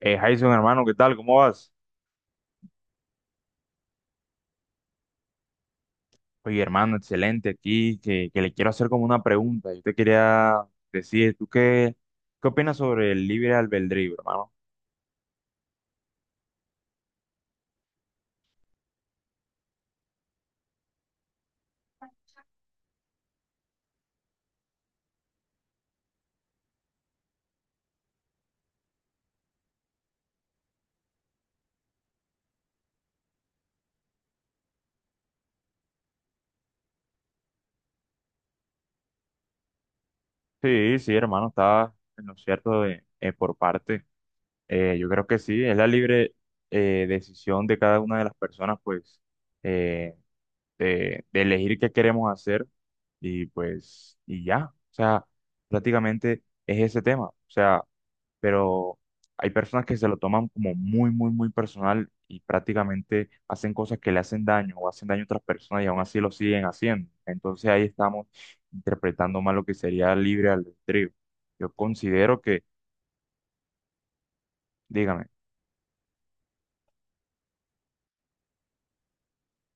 Jason, hermano, ¿qué tal? ¿Cómo vas? Oye, hermano, excelente aquí, que le quiero hacer como una pregunta. Yo te quería decir, ¿qué opinas sobre el libre albedrío, hermano? Sí, sí, hermano, está en lo cierto de, por parte. Yo creo que sí, es la libre decisión de cada una de las personas, pues, eh, de elegir qué queremos hacer y pues, y ya. O sea, prácticamente es ese tema. O sea, pero hay personas que se lo toman como muy personal y prácticamente hacen cosas que le hacen daño o hacen daño a otras personas y aún así lo siguen haciendo. Entonces ahí estamos interpretando mal lo que sería el libre albedrío. Yo considero que, dígame,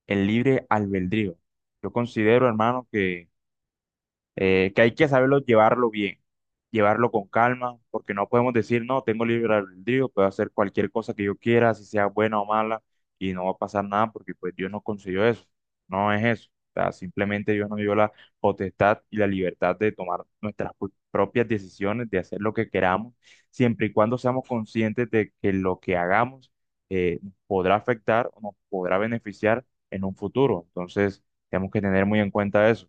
el libre albedrío. Yo considero, hermano, que hay que saberlo llevarlo bien, llevarlo con calma, porque no podemos decir, no, tengo libre albedrío, puedo hacer cualquier cosa que yo quiera, si sea buena o mala, y no va a pasar nada, porque pues Dios nos concedió eso, no es eso. O sea, simplemente Dios nos dio la potestad y la libertad de tomar nuestras propias decisiones, de hacer lo que queramos, siempre y cuando seamos conscientes de que lo que hagamos nos podrá afectar o nos podrá beneficiar en un futuro. Entonces, tenemos que tener muy en cuenta eso.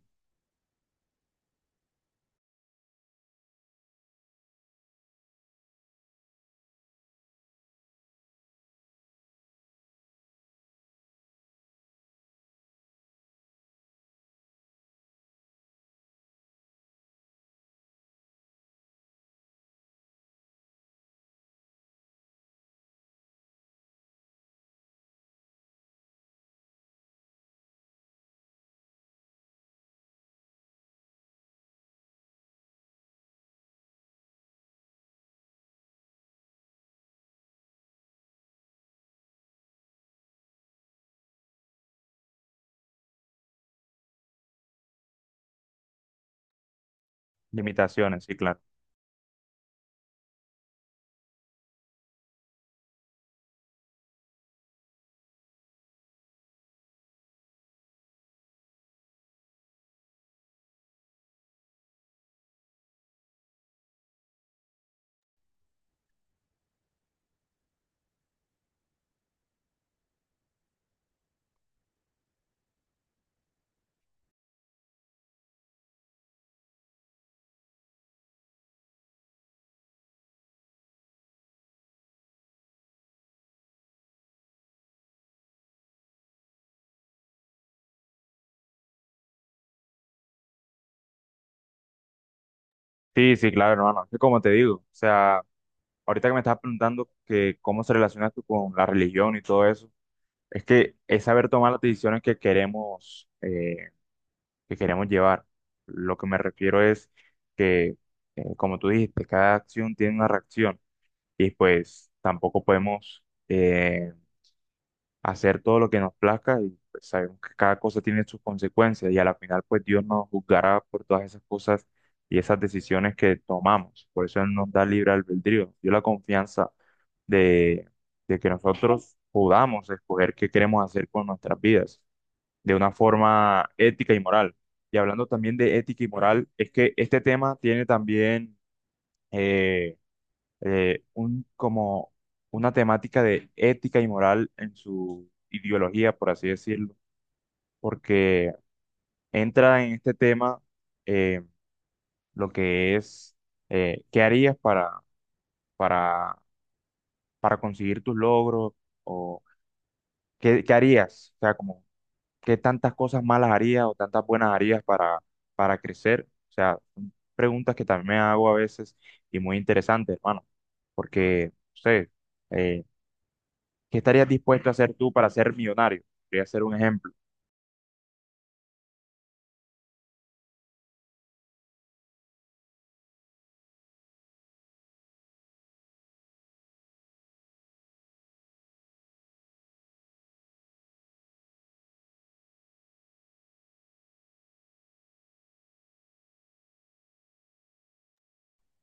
Limitaciones, sí, claro. Sí, sí, claro, hermano. Es que como te digo, o sea, ahorita que me estás preguntando que cómo se relaciona tú con la religión y todo eso, es que es saber tomar las decisiones que queremos llevar. Lo que me refiero es que, como tú dijiste, cada acción tiene una reacción y pues tampoco podemos eh, hacer todo lo que nos plazca y pues, sabemos que cada cosa tiene sus consecuencias y a la final pues Dios nos juzgará por todas esas cosas y esas decisiones que tomamos. Por eso Él nos da libre albedrío, nos dio la confianza de, de que nosotros podamos escoger qué queremos hacer con nuestras vidas de una forma ética y moral. Y hablando también de ética y moral, es que este tema tiene también... eh, un, como una temática de ética y moral en su ideología, por así decirlo, porque entra en este tema eh, lo que es, ¿qué harías para, para conseguir tus logros? ¿O qué harías? O sea, como, ¿qué tantas cosas malas harías o tantas buenas harías para crecer? O sea, son preguntas que también me hago a veces y muy interesantes, hermano, porque, no sé, eh, ¿qué estarías dispuesto a hacer tú para ser millonario? Voy a hacer un ejemplo.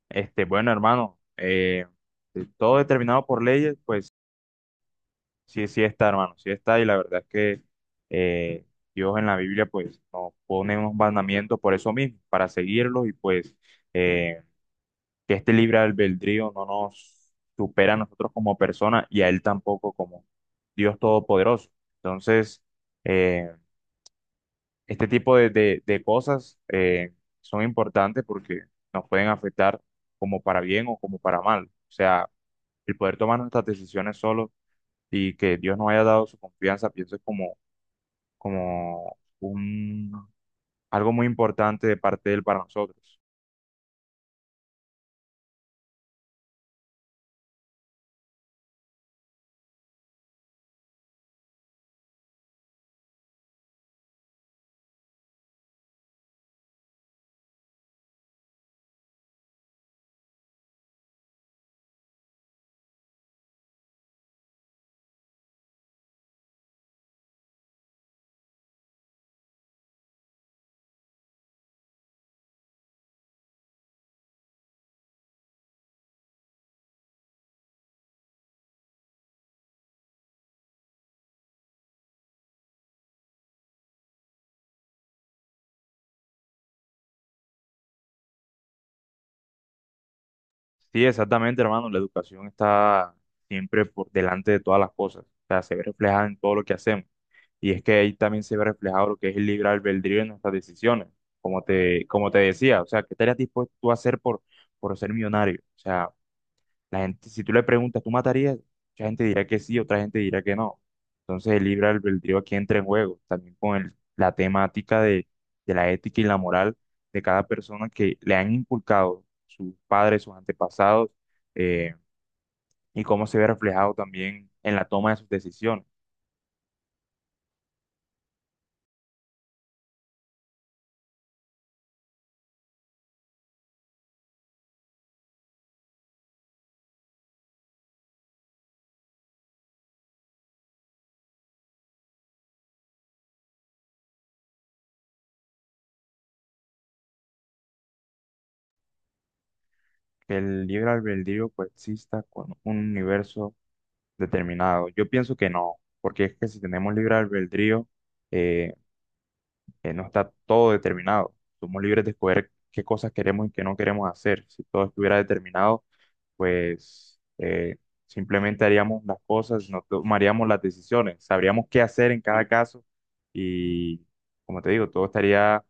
Este, bueno, hermano, todo determinado por leyes, pues sí, sí está, hermano, sí está. Y la verdad es que eh, Dios en la Biblia, pues nos pone unos mandamientos por eso mismo, para seguirlos y pues eh, que este libre albedrío no nos supera a nosotros como personas y a Él tampoco como Dios Todopoderoso. Entonces, eh, este tipo de, de cosas son importantes porque nos pueden afectar como para bien o como para mal. O sea, el poder tomar nuestras decisiones solo y que Dios nos haya dado su confianza, pienso es como, como un, algo muy importante de parte de Él para nosotros. Sí, exactamente, hermano, la educación está siempre por delante de todas las cosas. O sea, se ve reflejada en todo lo que hacemos. Y es que ahí también se ve reflejado lo que es el libre albedrío en nuestras decisiones, como te decía, o sea, ¿qué estarías dispuesto tú a hacer por ser millonario? O sea, la gente, si tú le preguntas, ¿tú matarías? Mucha gente dirá que sí, otra gente dirá que no. Entonces el libre albedrío aquí entra en juego, también con la temática de la ética y la moral de cada persona que le han inculcado sus padres, sus antepasados, eh, y cómo se ve reflejado también en la toma de sus decisiones. Que el libre albedrío coexista con un universo determinado. Yo pienso que no, porque es que si tenemos libre albedrío, eh, no está todo determinado. Somos libres de escoger qué cosas queremos y qué no queremos hacer. Si todo estuviera determinado, pues simplemente haríamos las cosas, no tomaríamos las decisiones, sabríamos qué hacer en cada caso y, como te digo, todo estaría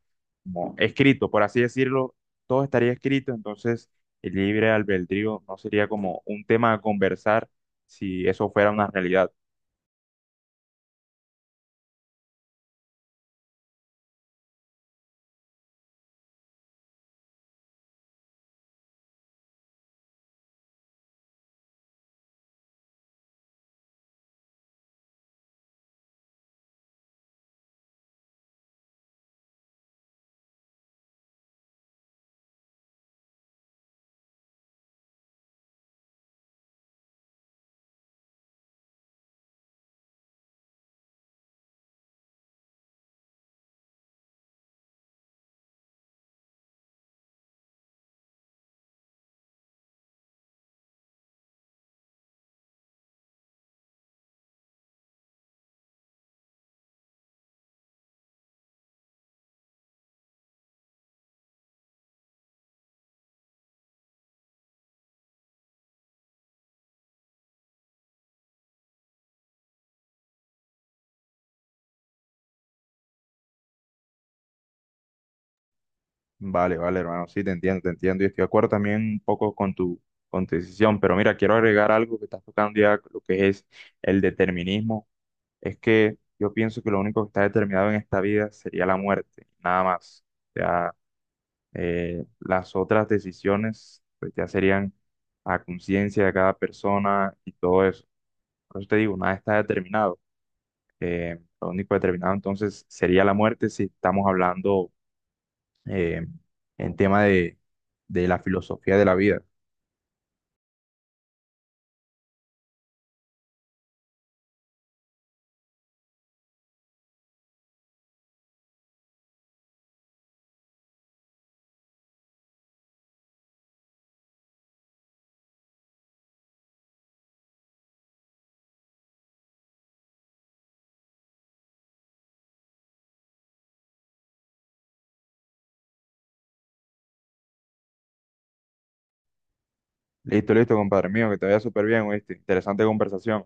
como escrito, por así decirlo, todo estaría escrito, entonces el libre albedrío no sería como un tema a conversar si eso fuera una realidad. Vale, vale, hermano, sí, te entiendo y estoy de acuerdo también un poco con tu decisión, pero mira, quiero agregar algo que estás tocando ya, lo que es el determinismo. Es que yo pienso que lo único que está determinado en esta vida sería la muerte, nada más. Ya las otras decisiones pues ya serían a conciencia de cada persona y todo eso. Por eso te digo, nada está determinado. Lo único determinado entonces sería la muerte si estamos hablando eh, en tema de la filosofía de la vida. Listo, listo, compadre mío, que te vaya súper bien, ¿oíste? Interesante conversación.